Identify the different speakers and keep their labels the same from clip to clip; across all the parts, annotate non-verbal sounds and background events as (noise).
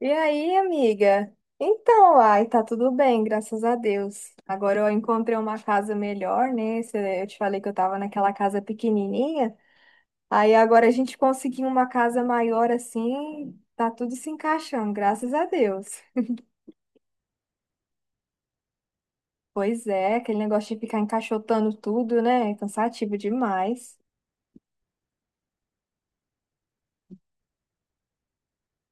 Speaker 1: E aí, amiga? Então, ai, tá tudo bem, graças a Deus. Agora eu encontrei uma casa melhor, né? Eu te falei que eu tava naquela casa pequenininha. Aí agora a gente conseguiu uma casa maior assim, tá tudo se encaixando, graças a Deus. Pois é, aquele negócio de ficar encaixotando tudo, né? É cansativo demais.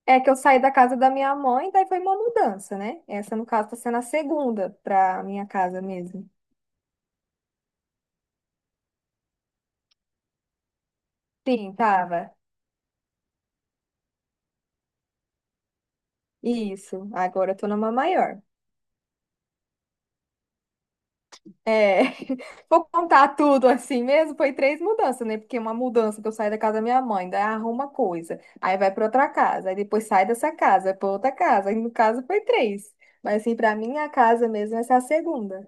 Speaker 1: É que eu saí da casa da minha mãe, daí foi uma mudança, né? Essa, no caso, tá sendo a segunda pra minha casa mesmo. Sim, tava. Isso, agora eu tô numa maior. É, (laughs) vou contar tudo assim mesmo, foi três mudanças, né? Porque uma mudança que eu saí da casa da minha mãe, daí arruma coisa, aí vai pra outra casa, aí depois sai dessa casa, vai pra outra casa, aí no caso foi três. Mas assim, pra minha casa mesmo, essa é a segunda.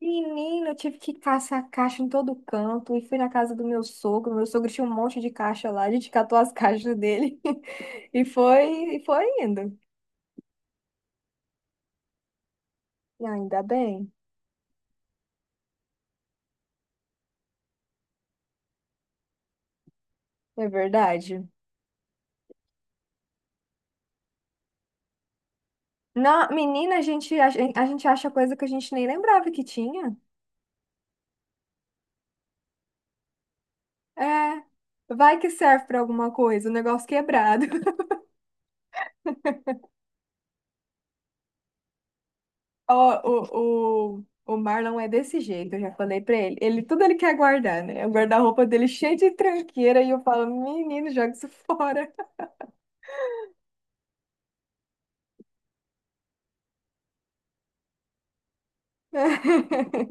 Speaker 1: Menino, eu tive que caçar caixa em todo canto, e fui na casa do meu sogro tinha um monte de caixa lá, a gente catou as caixas dele, (laughs) e foi indo. E ainda bem, é verdade. Na, menina, a gente, a gente acha coisa que a gente nem lembrava que tinha. É, vai que serve pra alguma coisa, o negócio quebrado. (laughs) Ó, o, o, o Marlon é desse jeito, eu já falei pra ele. Ele, tudo ele quer guardar, né? O guarda-roupa dele cheio de tranqueira e eu falo, menino, joga isso fora. (laughs)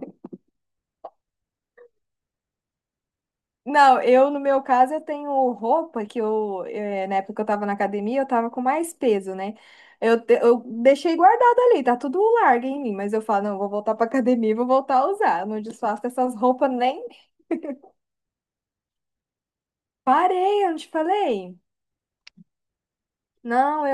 Speaker 1: Não, eu no meu caso eu tenho roupa que eu, na época que eu tava na academia, eu tava com mais peso, né? Eu deixei guardado ali, tá tudo largo em mim, mas eu falo, não, eu vou voltar pra academia e vou voltar a usar. Eu não desfaço essas roupas nem. Parei, eu não te falei? Não,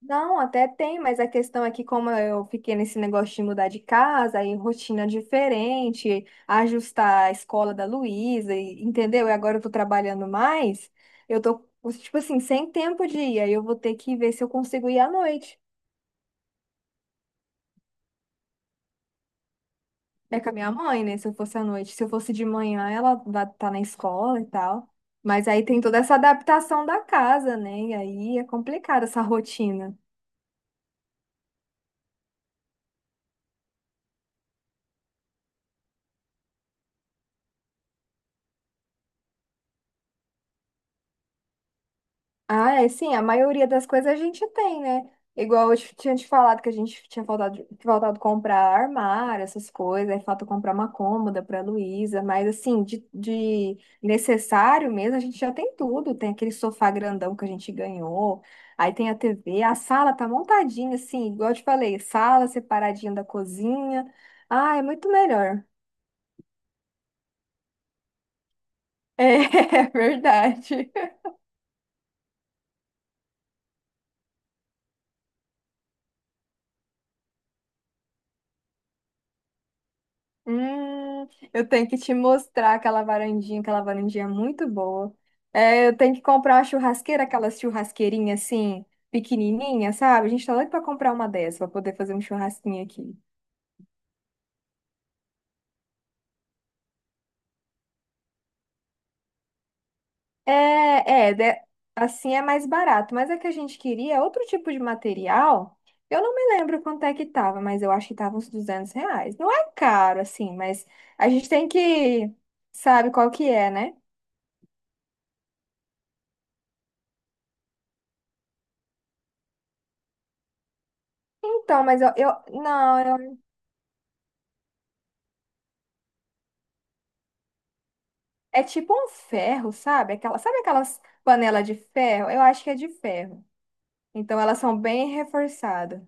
Speaker 1: Não, até tem, mas a questão é que como eu fiquei nesse negócio de mudar de casa, aí rotina diferente, ajustar a escola da Luísa, entendeu? E agora eu tô trabalhando mais, eu tô, tipo assim, sem tempo de ir, aí eu vou ter que ver se eu consigo ir à noite. É com a minha mãe, né? Se eu fosse à noite. Se eu fosse de manhã, ela vai estar na escola e tal. Mas aí tem toda essa adaptação da casa, né? E aí é complicado essa rotina. Ah, é sim, a maioria das coisas a gente tem, né? Igual eu tinha te falado que a gente tinha faltado comprar armário, essas coisas, aí falta comprar uma cômoda para Luísa, mas assim, de necessário mesmo, a gente já tem tudo. Tem aquele sofá grandão que a gente ganhou, aí tem a TV, a sala tá montadinha, assim, igual eu te falei, sala separadinha da cozinha. Ah, é muito melhor. (laughs) É, verdade. Hum, eu tenho que te mostrar aquela varandinha é muito boa. É, eu tenho que comprar uma churrasqueira, aquela churrasqueirinha assim, pequenininha, sabe? A gente tá doido pra comprar uma dessa, pra poder fazer um churrasquinho aqui. É, é, assim é mais barato, mas é que a gente queria outro tipo de material. Eu não me lembro quanto é que tava, mas eu acho que tava uns R$ 200. Não é caro, assim, mas a gente tem que, sabe qual que é, né? Então, mas eu não. É tipo um ferro, sabe? Aquela, sabe aquelas panelas de ferro? Eu acho que é de ferro. Então elas são bem reforçadas.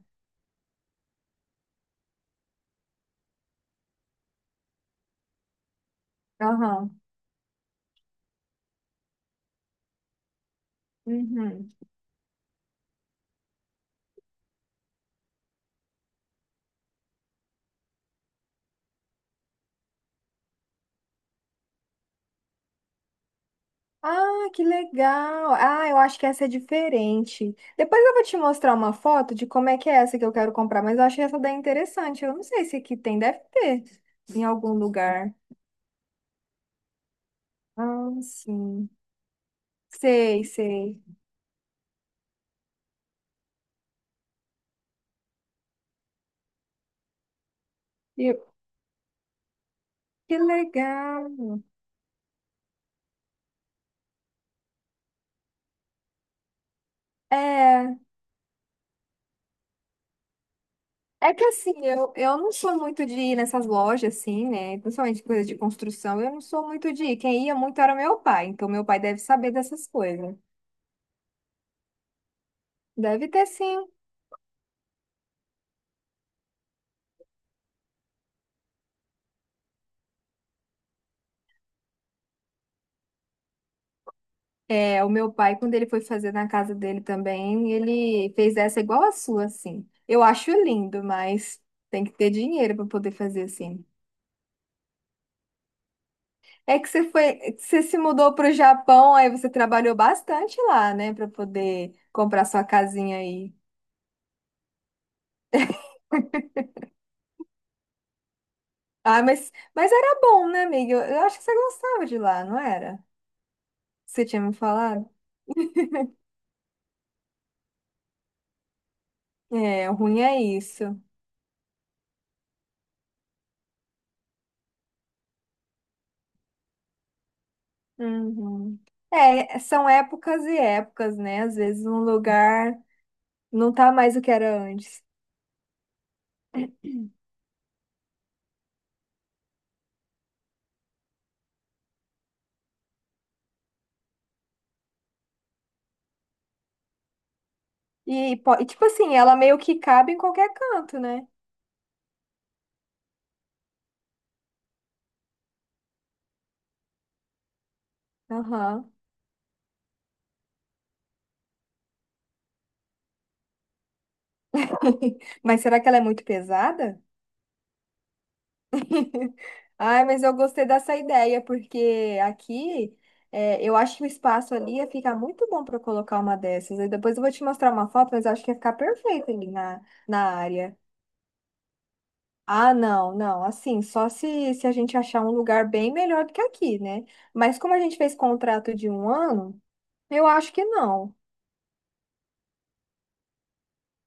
Speaker 1: Aham. Uhum. Ah, que legal. Ah, eu acho que essa é diferente. Depois eu vou te mostrar uma foto de como é que é essa que eu quero comprar, mas eu achei essa daí interessante. Eu não sei se aqui tem, deve ter em algum lugar. Ah, sim. Sei, sei. E- Que legal. É, É que assim, eu não sou muito de ir nessas lojas, assim, né? Principalmente coisa de construção, eu não sou muito de ir. Quem ia muito era meu pai, então meu pai deve saber dessas coisas. Deve ter sim. É, o meu pai, quando ele foi fazer na casa dele também, ele fez essa igual a sua, assim. Eu acho lindo, mas tem que ter dinheiro para poder fazer assim. É que você foi, você se mudou para o Japão, aí você trabalhou bastante lá, né, para poder comprar sua casinha aí. Ah, mas era bom, né, amiga? Eu acho que você gostava de lá, não era? Você tinha me falado? É, o ruim é isso. Uhum. É, são épocas e épocas, né? Às vezes um lugar não tá mais o que era antes. E, tipo assim, ela meio que cabe em qualquer canto, né? Aham. (laughs) Mas será que ela é muito pesada? (laughs) Ai, mas eu gostei dessa ideia, porque aqui é, eu acho que o espaço ali ia ficar muito bom para colocar uma dessas. Aí depois eu vou te mostrar uma foto, mas eu acho que ia ficar perfeito ali na, na área. Ah, não, não, assim, só se, a gente achar um lugar bem melhor do que aqui, né? Mas como a gente fez contrato de um ano, eu acho que não.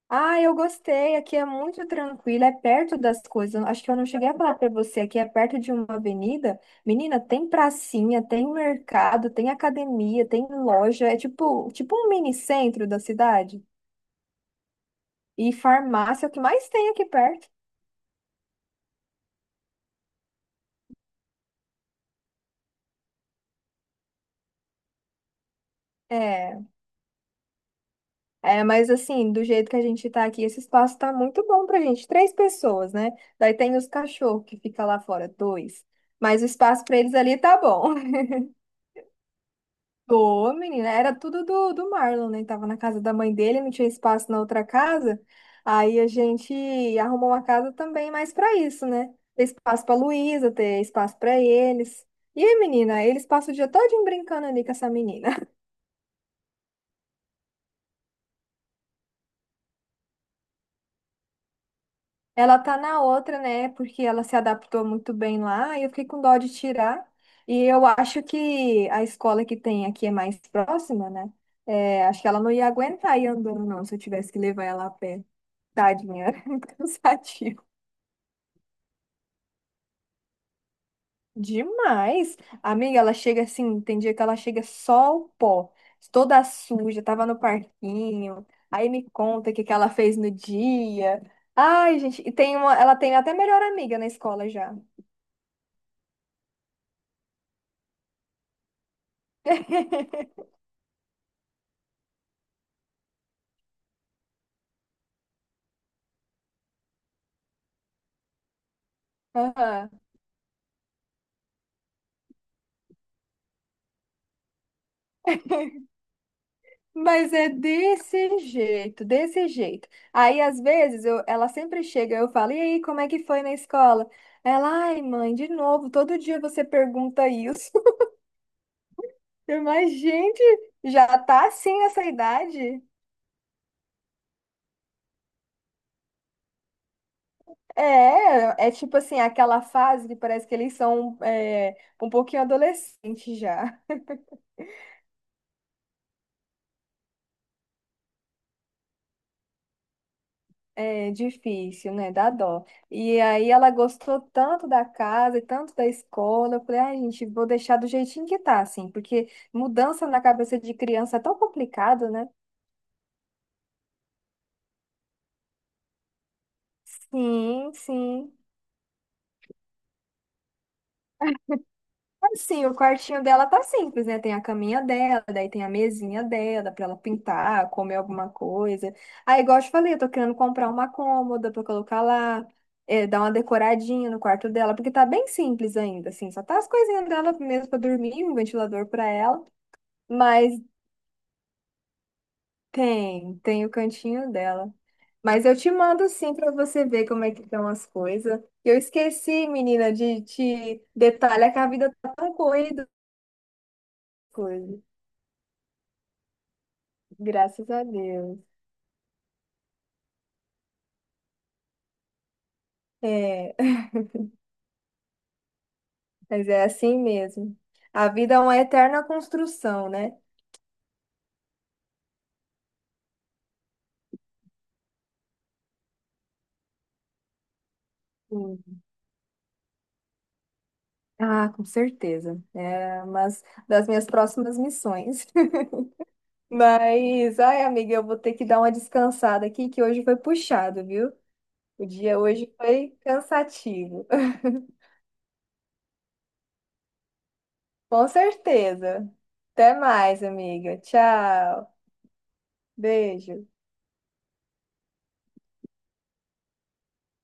Speaker 1: Ah, eu gostei. Aqui é muito tranquilo, é perto das coisas. Acho que eu não cheguei a falar para você. Aqui é perto de uma avenida. Menina, tem pracinha, tem mercado, tem academia, tem loja. É tipo um mini centro da cidade. E farmácia é o que mais tem aqui perto. É, é, mas assim, do jeito que a gente tá aqui, esse espaço tá muito bom pra gente. Três pessoas, né? Daí tem os cachorros que fica lá fora, dois. Mas o espaço para eles ali tá bom. Ô, menina, era tudo do Marlon, né? Tava na casa da mãe dele, não tinha espaço na outra casa. Aí a gente arrumou uma casa também mais pra isso, né? Ter espaço pra Luísa, ter espaço pra eles. E aí, menina, eles passam o dia todinho brincando ali com essa menina. (laughs) Ela tá na outra, né? Porque ela se adaptou muito bem lá e eu fiquei com dó de tirar. E eu acho que a escola que tem aqui é mais próxima, né? É, acho que ela não ia aguentar ir andando, não, se eu tivesse que levar ela a pé. Tadinha, (laughs) cansativo. Demais. Amiga, ela chega assim, tem dia que ela chega só o pó, toda suja, tava no parquinho. Aí me conta o que que ela fez no dia. Ai, gente, e ela tem até melhor amiga na escola já. (laughs) Aham. Mas é desse jeito, desse jeito. Aí, às vezes, eu, ela sempre chega, eu falo, e aí, como é que foi na escola? Ela, ai, mãe, de novo, todo dia você pergunta isso. Mas, gente, já tá assim nessa idade? É, é tipo assim, aquela fase que parece que eles são um pouquinho adolescentes já. É difícil, né? Dá dó. E aí ela gostou tanto da casa e tanto da escola. Eu falei, ai, gente, vou deixar do jeitinho que tá, assim, porque mudança na cabeça de criança é tão complicado, né? Sim, sim. Assim, o quartinho dela tá simples, né? Tem a caminha dela, daí tem a mesinha dela pra ela pintar, comer alguma coisa. Aí, igual eu te falei, eu tô querendo comprar uma cômoda pra colocar lá, eh, dar uma decoradinha no quarto dela, porque tá bem simples ainda, assim, só tá as coisinhas dela mesmo pra dormir, um ventilador pra ela, mas tem, tem o cantinho dela. Mas eu te mando sim pra você ver como é que estão as coisas. Eu esqueci, menina, de te detalhar que a vida tá tão corrida. Graças a Deus. É, (laughs) mas é assim mesmo. A vida é uma eterna construção, né? Sim. Ah, com certeza. É uma das minhas próximas missões. (laughs) Mas, ai, amiga, eu vou ter que dar uma descansada aqui, que hoje foi puxado, viu? O dia hoje foi cansativo. (laughs) Com certeza. Até mais, amiga. Tchau. Beijo.